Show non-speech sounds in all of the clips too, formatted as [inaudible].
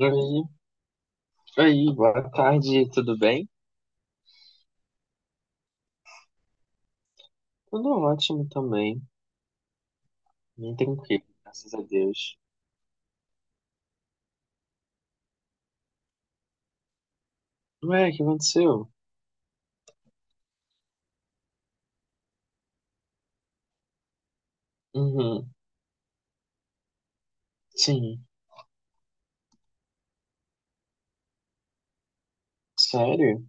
Oi, oi, boa tarde, tudo bem? Tudo ótimo também, bem tranquilo, graças a Deus. Ué, o que aconteceu? Uhum, sim, sério?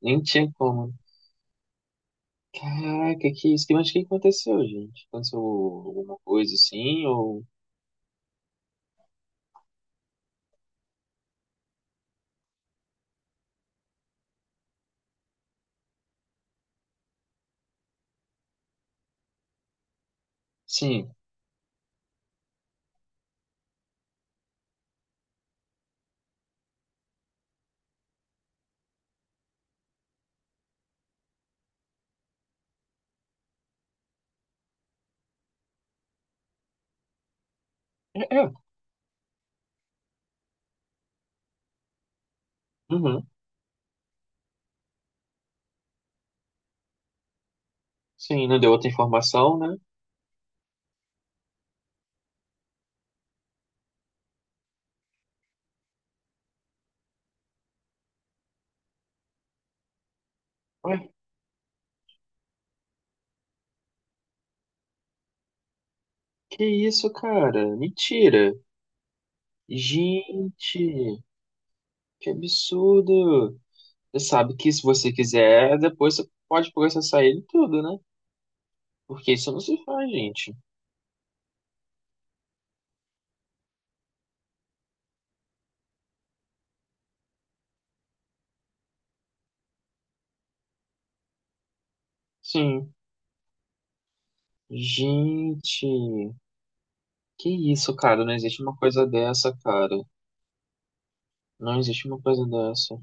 Nem tinha como. Caraca, que isso, que- mas o que aconteceu, gente? Aconteceu alguma coisa assim, ou... Sim, é, é, uhum, sim, não deu outra informação, né? Ué, que isso, cara? Mentira! Gente, que absurdo! Você sabe que se você quiser, depois você pode processar ele tudo, né? Porque isso não se faz, gente. Sim. Gente, que isso, cara? Não existe uma coisa dessa, cara. Não existe uma coisa dessa.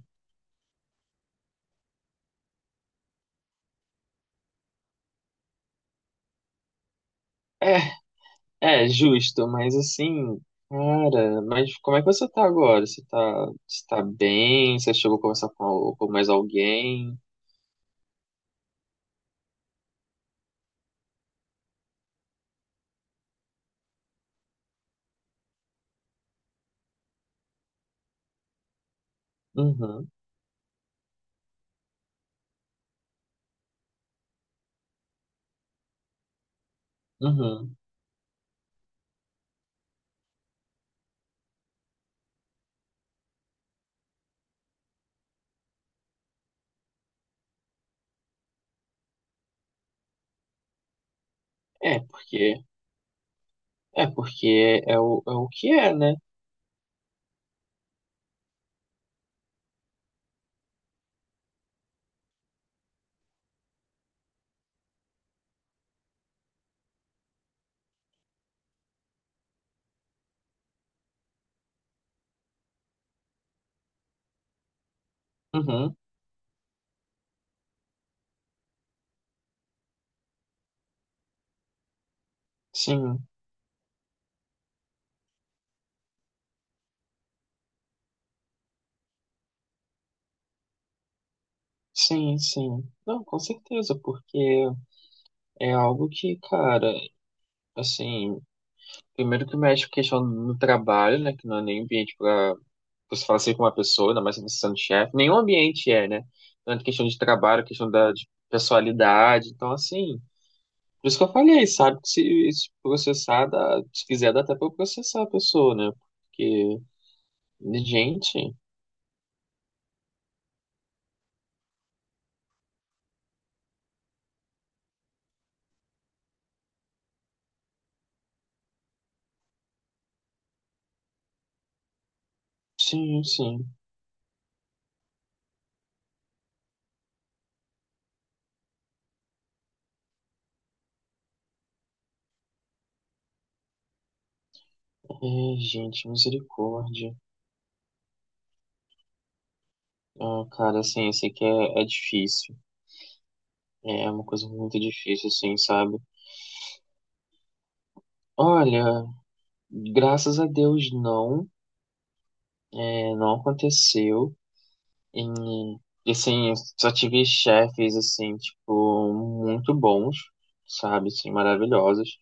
É, é justo, mas assim, cara, mas como é que você tá agora? Você tá bem? Você chegou a conversar com, al- com mais alguém? Uhum, uhum. É, porque, é porque é o, é o que é, né? Uhum, sim. Sim, sim. Não, com certeza, porque é algo que, cara, assim, primeiro que mexe com questão no trabalho, né, que não é nem ambiente para você falar assim com uma pessoa, ainda mais se você sendo chefe, nenhum ambiente é, né? Tanto questão de trabalho, questão da de pessoalidade, então, assim, por isso que eu falei, sabe, que se processar, dá, se quiser, dá até pra processar a pessoa, né? Porque, gente, sim, sim. É, gente, misericórdia. Ah, cara, assim, eu sei que é, é difícil. É uma coisa muito difícil, assim, sabe? Olha, graças a Deus não, é, não aconteceu. E, assim, eu só tive chefes, assim, tipo, muito bons, sabe? Assim, maravilhosos,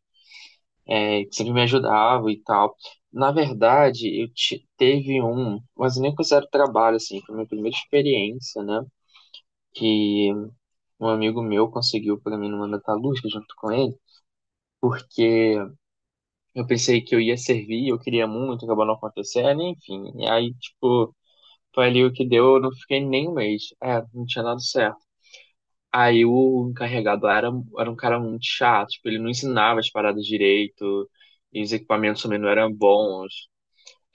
é, que sempre me ajudavam e tal. Na verdade, eu te, teve um, mas eu nem considero trabalho, assim, foi a minha primeira experiência, né? Que um amigo meu conseguiu para mim numa metalúrgica junto com ele, porque eu pensei que eu ia servir, eu queria muito, acabou não acontecendo, enfim. E aí, tipo, foi ali o que deu, eu não fiquei nem um mês. É, não tinha dado certo. Aí o encarregado lá era, era um cara muito chato, tipo, ele não ensinava as paradas direito, e os equipamentos também não eram bons.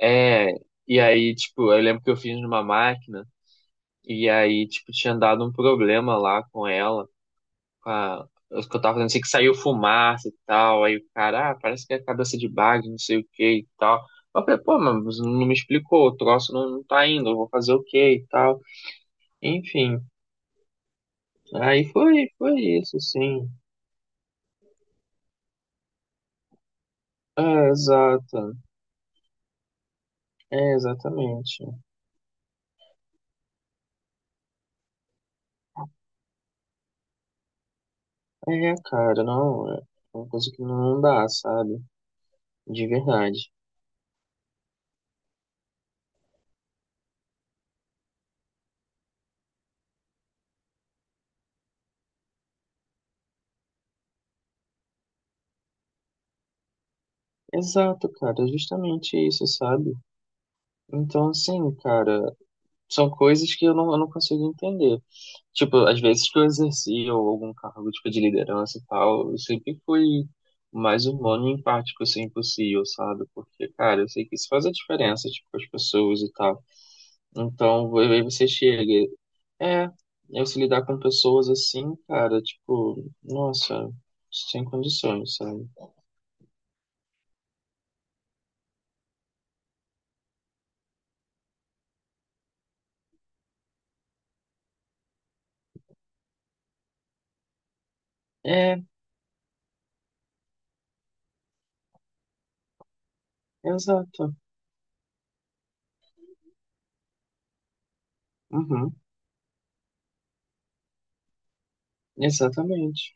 É, e aí, tipo, eu lembro que eu fiz numa máquina, e aí, tipo, tinha dado um problema lá com ela com a, os que eu tava fazendo, assim, que saiu fumaça e tal, aí o cara, ah, parece que é cabeça de bag, não sei o que e tal. Eu falei, pô, mas não me explicou, o troço não, não tá indo, eu vou fazer o quê e tal. Enfim, aí foi, foi isso, sim. É, exato. É, exatamente. É, cara, não, é uma coisa que não dá, sabe? De verdade. Exato, cara, é justamente isso, sabe? Então, assim, cara, são coisas que eu não consigo entender. Tipo, às vezes que eu exercia algum cargo, tipo, de liderança e tal, eu sempre fui o mais humano e empático assim possível, sabe? Porque, cara, eu sei que isso faz a diferença, tipo, com as pessoas e tal. Então, aí você chega, e, é, eu se lidar com pessoas assim, cara, tipo, nossa, sem condições, sabe? É, exato. Uhum, exatamente.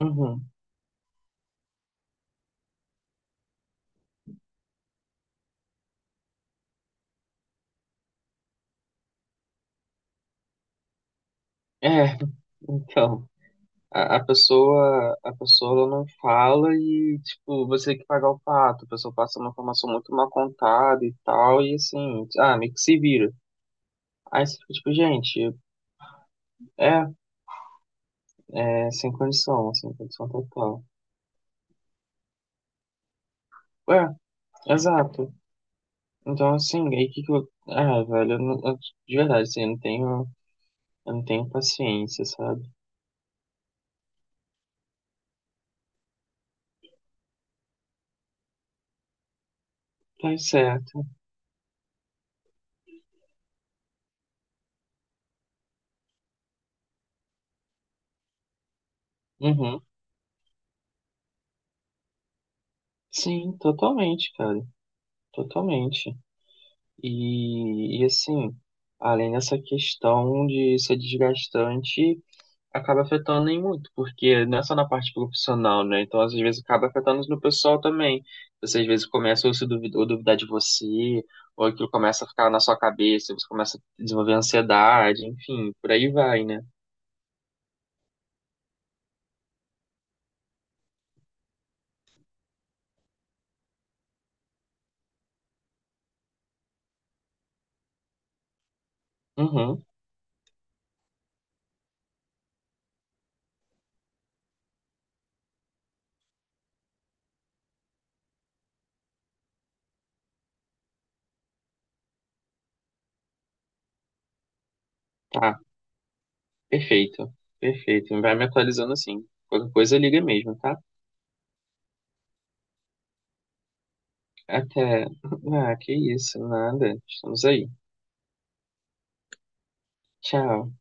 Uhum. É, [laughs] então. A pessoa ela não fala e, tipo, você tem que pagar o pato. A pessoa passa uma informação muito mal contada e tal, e assim, ah, meio que se vira. Aí você fica tipo, gente, é, é sem condição, sem condição total. É, exato. Então, assim, aí que eu. Ah, velho, eu de verdade, assim, eu não tenho paciência, sabe? Tá certo. Uhum. Sim, totalmente, cara. Totalmente. E assim, além dessa questão de ser desgastante, acaba afetando em muito, porque não é só na parte profissional, né? Então, às vezes, acaba afetando no pessoal também. Você, às vezes, começa a se duvidar, ou duvidar de você, ou aquilo começa a ficar na sua cabeça, você começa a desenvolver ansiedade, enfim, por aí vai, né? Uhum, tá, perfeito, perfeito. Vai me atualizando assim. Qualquer coisa, liga mesmo, tá? Até. [laughs] Ah, que isso, nada. Estamos aí. Tchau.